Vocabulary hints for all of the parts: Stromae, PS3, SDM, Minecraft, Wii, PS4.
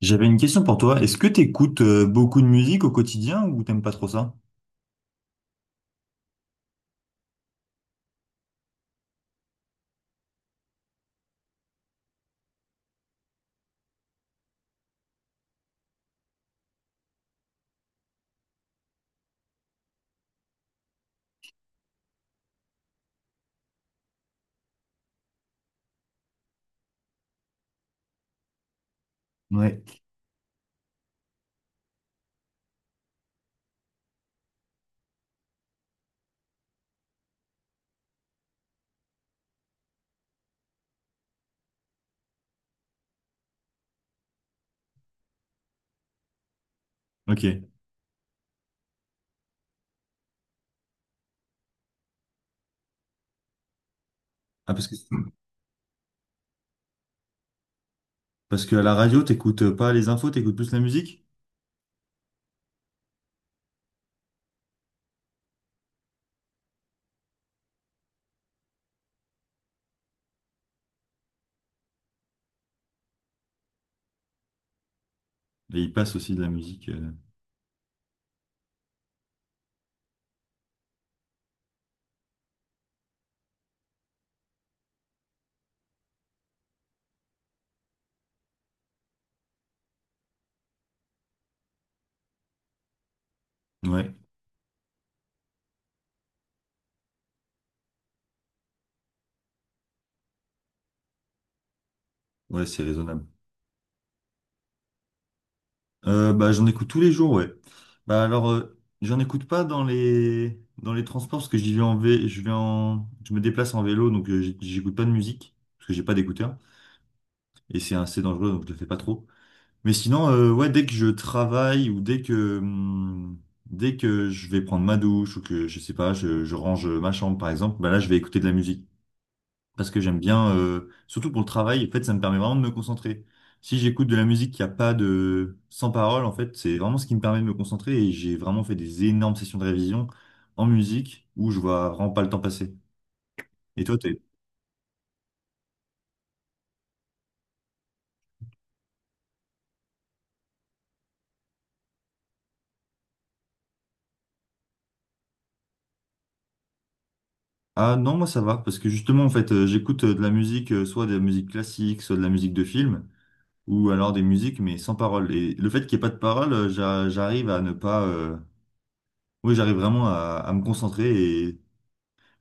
J'avais une question pour toi. Est-ce que t'écoutes beaucoup de musique au quotidien ou t'aimes pas trop ça? Ouais. Ok. Ah, parce que, parce que à la radio, t'écoutes pas les infos, t'écoutes plus la musique? Et il passe aussi de la musique. Ouais, ouais, c'est raisonnable. Bah, j'en écoute tous les jours, ouais. Bah, alors, j'en écoute pas dans les, dans les transports parce que j'y vais en je vais en, je me déplace en vélo, donc j'écoute pas de musique parce que j'ai pas d'écouteur et c'est assez dangereux, donc je le fais pas trop. Mais sinon, ouais, dès que je travaille ou dès que je vais prendre ma douche ou que, je sais pas, je range ma chambre par exemple, bah là, je vais écouter de la musique. Parce que j'aime bien, surtout pour le travail, en fait, ça me permet vraiment de me concentrer. Si j'écoute de la musique qui a pas de, sans parole, en fait, c'est vraiment ce qui me permet de me concentrer et j'ai vraiment fait des énormes sessions de révision en musique où je vois vraiment pas le temps passer. Et toi, t'es... Ah non, moi ça va, parce que justement, en fait, j'écoute de la musique, soit de la musique classique, soit de la musique de film, ou alors des musiques mais sans parole. Et le fait qu'il n'y ait pas de parole, j'arrive à ne pas... oui, j'arrive vraiment à me concentrer et...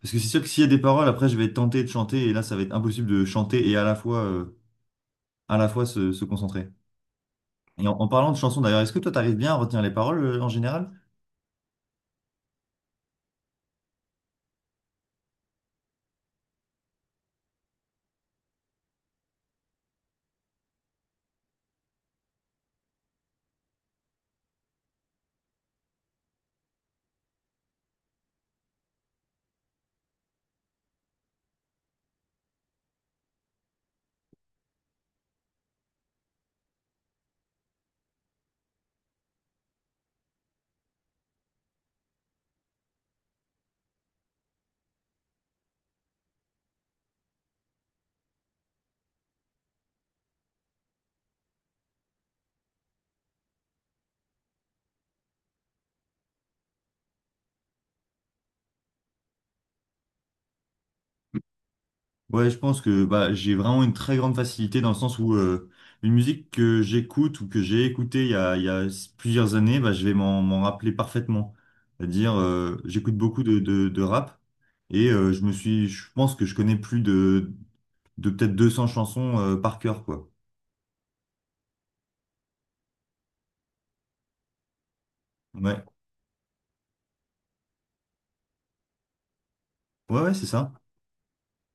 Parce que c'est sûr que s'il y a des paroles, après je vais tenter de chanter et là ça va être impossible de chanter et à la fois se concentrer. Et en, en parlant de chansons d'ailleurs, est-ce que toi t'arrives bien à retenir les paroles en général? Ouais, je pense que bah, j'ai vraiment une très grande facilité dans le sens où une musique que j'écoute ou que j'ai écoutée il y a plusieurs années, bah, je vais m'en rappeler parfaitement. C'est-à-dire, j'écoute beaucoup de, de rap et je pense que je connais plus de peut-être 200 chansons par cœur, quoi. Ouais, ouais, ouais, c'est ça.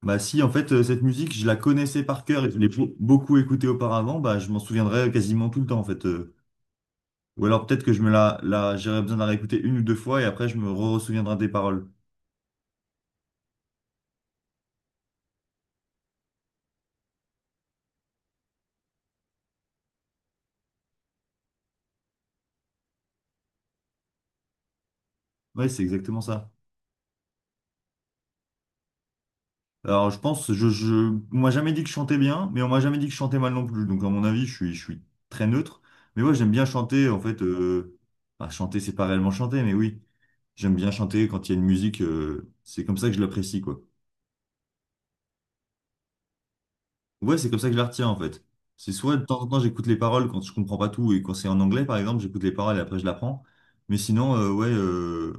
Bah si, en fait, cette musique, je la connaissais par cœur et je l'ai beaucoup écoutée auparavant, bah je m'en souviendrai quasiment tout le temps, en fait. Ou alors peut-être que je me j'aurais besoin de la réécouter une ou deux fois et après je me re-souviendrai des paroles. Ouais, c'est exactement ça. Alors je pense, on m'a jamais dit que je chantais bien, mais on m'a jamais dit que je chantais mal non plus. Donc à mon avis, je suis très neutre. Mais ouais, j'aime bien chanter en fait. Bah, chanter, c'est pas réellement chanter, mais oui, j'aime bien chanter quand il y a une musique. C'est comme ça que je l'apprécie quoi. Ouais, c'est comme ça que je la retiens en fait. C'est soit de temps en temps j'écoute les paroles quand je comprends pas tout et quand c'est en anglais par exemple, j'écoute les paroles et après je l'apprends. Mais sinon, euh, ouais, euh,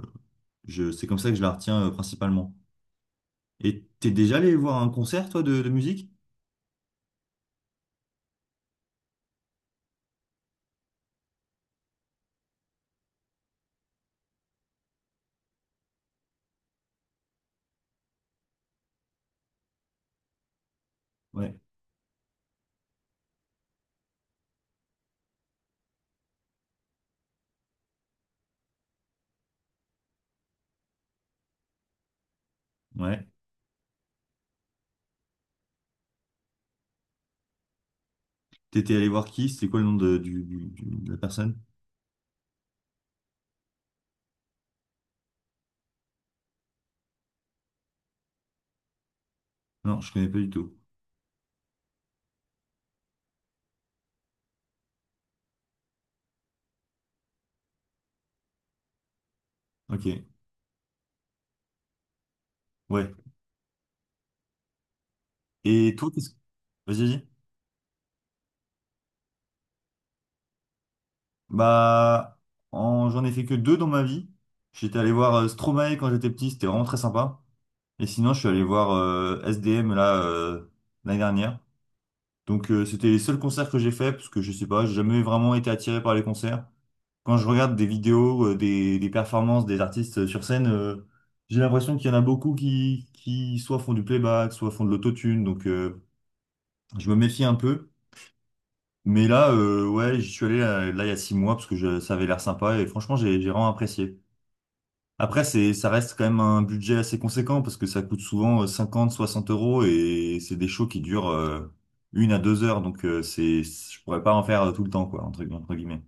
je, c'est comme ça que je la retiens principalement. Et t'es déjà allé voir un concert toi de musique? Ouais. Ouais. T'étais allé voir qui? C'était quoi le nom de, du, de la personne? Non, je connais pas du tout. Ok. Ouais. Et toi, qu'est-ce que... Vas-y, vas-y. Bah, en- j'en ai fait que deux dans ma vie. J'étais allé voir Stromae quand j'étais petit, c'était vraiment très sympa. Et sinon, je suis allé voir SDM là l'année dernière. Donc c'était les seuls concerts que j'ai fait parce que je sais pas, j'ai jamais vraiment été attiré par les concerts. Quand je regarde des vidéos, des performances des artistes sur scène, j'ai l'impression qu'il y en a beaucoup qui soit font du playback, soit font de l'autotune. Donc je me méfie un peu. Mais là, ouais, j'y suis allé là il y a 6 mois parce que ça avait l'air sympa et franchement j'ai vraiment apprécié. Après, ça reste quand même un budget assez conséquent parce que ça coûte souvent 50, 60 euros et c'est des shows qui durent une à 2 heures. Donc, je pourrais pas en faire tout le temps, quoi, entre, entre guillemets.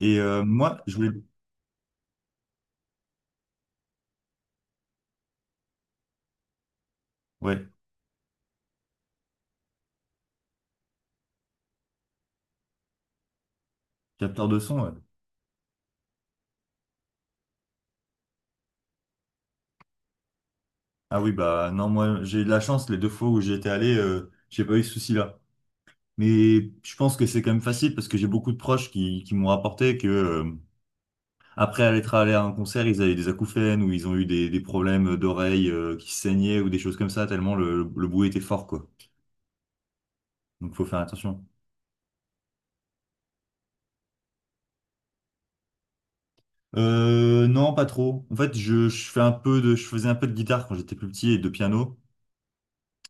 Et moi, je voulais, ouais, capteur de son, ouais. Ah oui, bah non, moi, j'ai eu de la chance. Les deux fois où j'étais allé, j'ai pas eu ce souci-là. Mais je pense que c'est quand même facile parce que j'ai beaucoup de proches qui m'ont rapporté que après être allé à un concert, ils avaient des acouphènes ou ils ont eu des problèmes d'oreilles qui saignaient ou des choses comme ça, tellement le bruit était fort, quoi. Donc faut faire attention. Non, pas trop. En fait, je fais un peu de, je faisais un peu de guitare quand j'étais plus petit et de piano.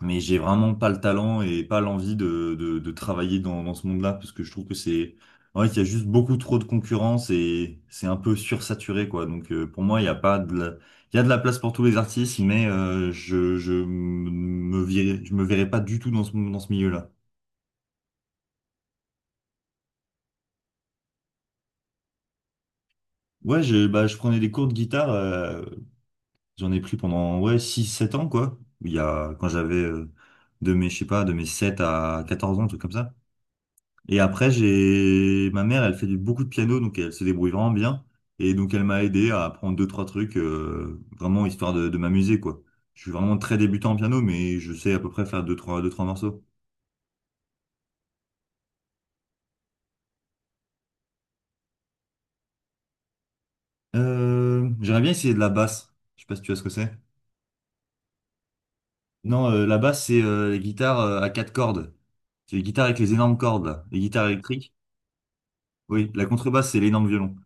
Mais j'ai vraiment pas le talent et pas l'envie de, de travailler dans, dans ce monde-là parce que je trouve que en fait, il y a juste beaucoup trop de concurrence et c'est un peu sursaturé, quoi. Donc, pour moi, il y a pas de la... il y a de la place pour tous les artistes, mais je me verrais pas du tout dans ce milieu-là. Ouais, je prenais des cours de guitare, j'en ai pris pendant, ouais, 6 7 ans, quoi. Il y a, quand j'avais, je sais pas, de mes 7 à 14 ans, un truc comme ça. Et après, j'ai ma mère, elle fait beaucoup de piano, donc elle se débrouille vraiment bien. Et donc, elle m'a aidé à apprendre deux, trois trucs, vraiment histoire de m'amuser, quoi. Je suis vraiment très débutant en piano, mais je sais à peu près faire deux, trois morceaux. J'aimerais bien essayer de la basse. Je sais pas si tu vois ce que c'est. Non, la basse, c'est les guitares à 4 cordes. C'est les guitares avec les énormes cordes, là. Les guitares électriques. Oui, la contrebasse, c'est l'énorme violon.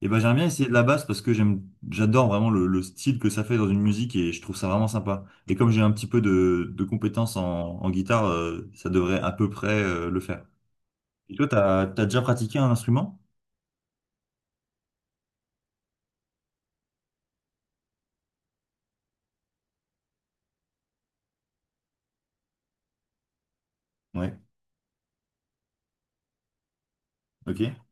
Et ben j'aime bien essayer de la basse parce que j'aime, j'adore vraiment le style que ça fait dans une musique et je trouve ça vraiment sympa. Et comme j'ai un petit peu de compétences en, en guitare, ça devrait à peu près le faire. Et toi, t'as, t'as déjà pratiqué un instrument? Ouais. Ok.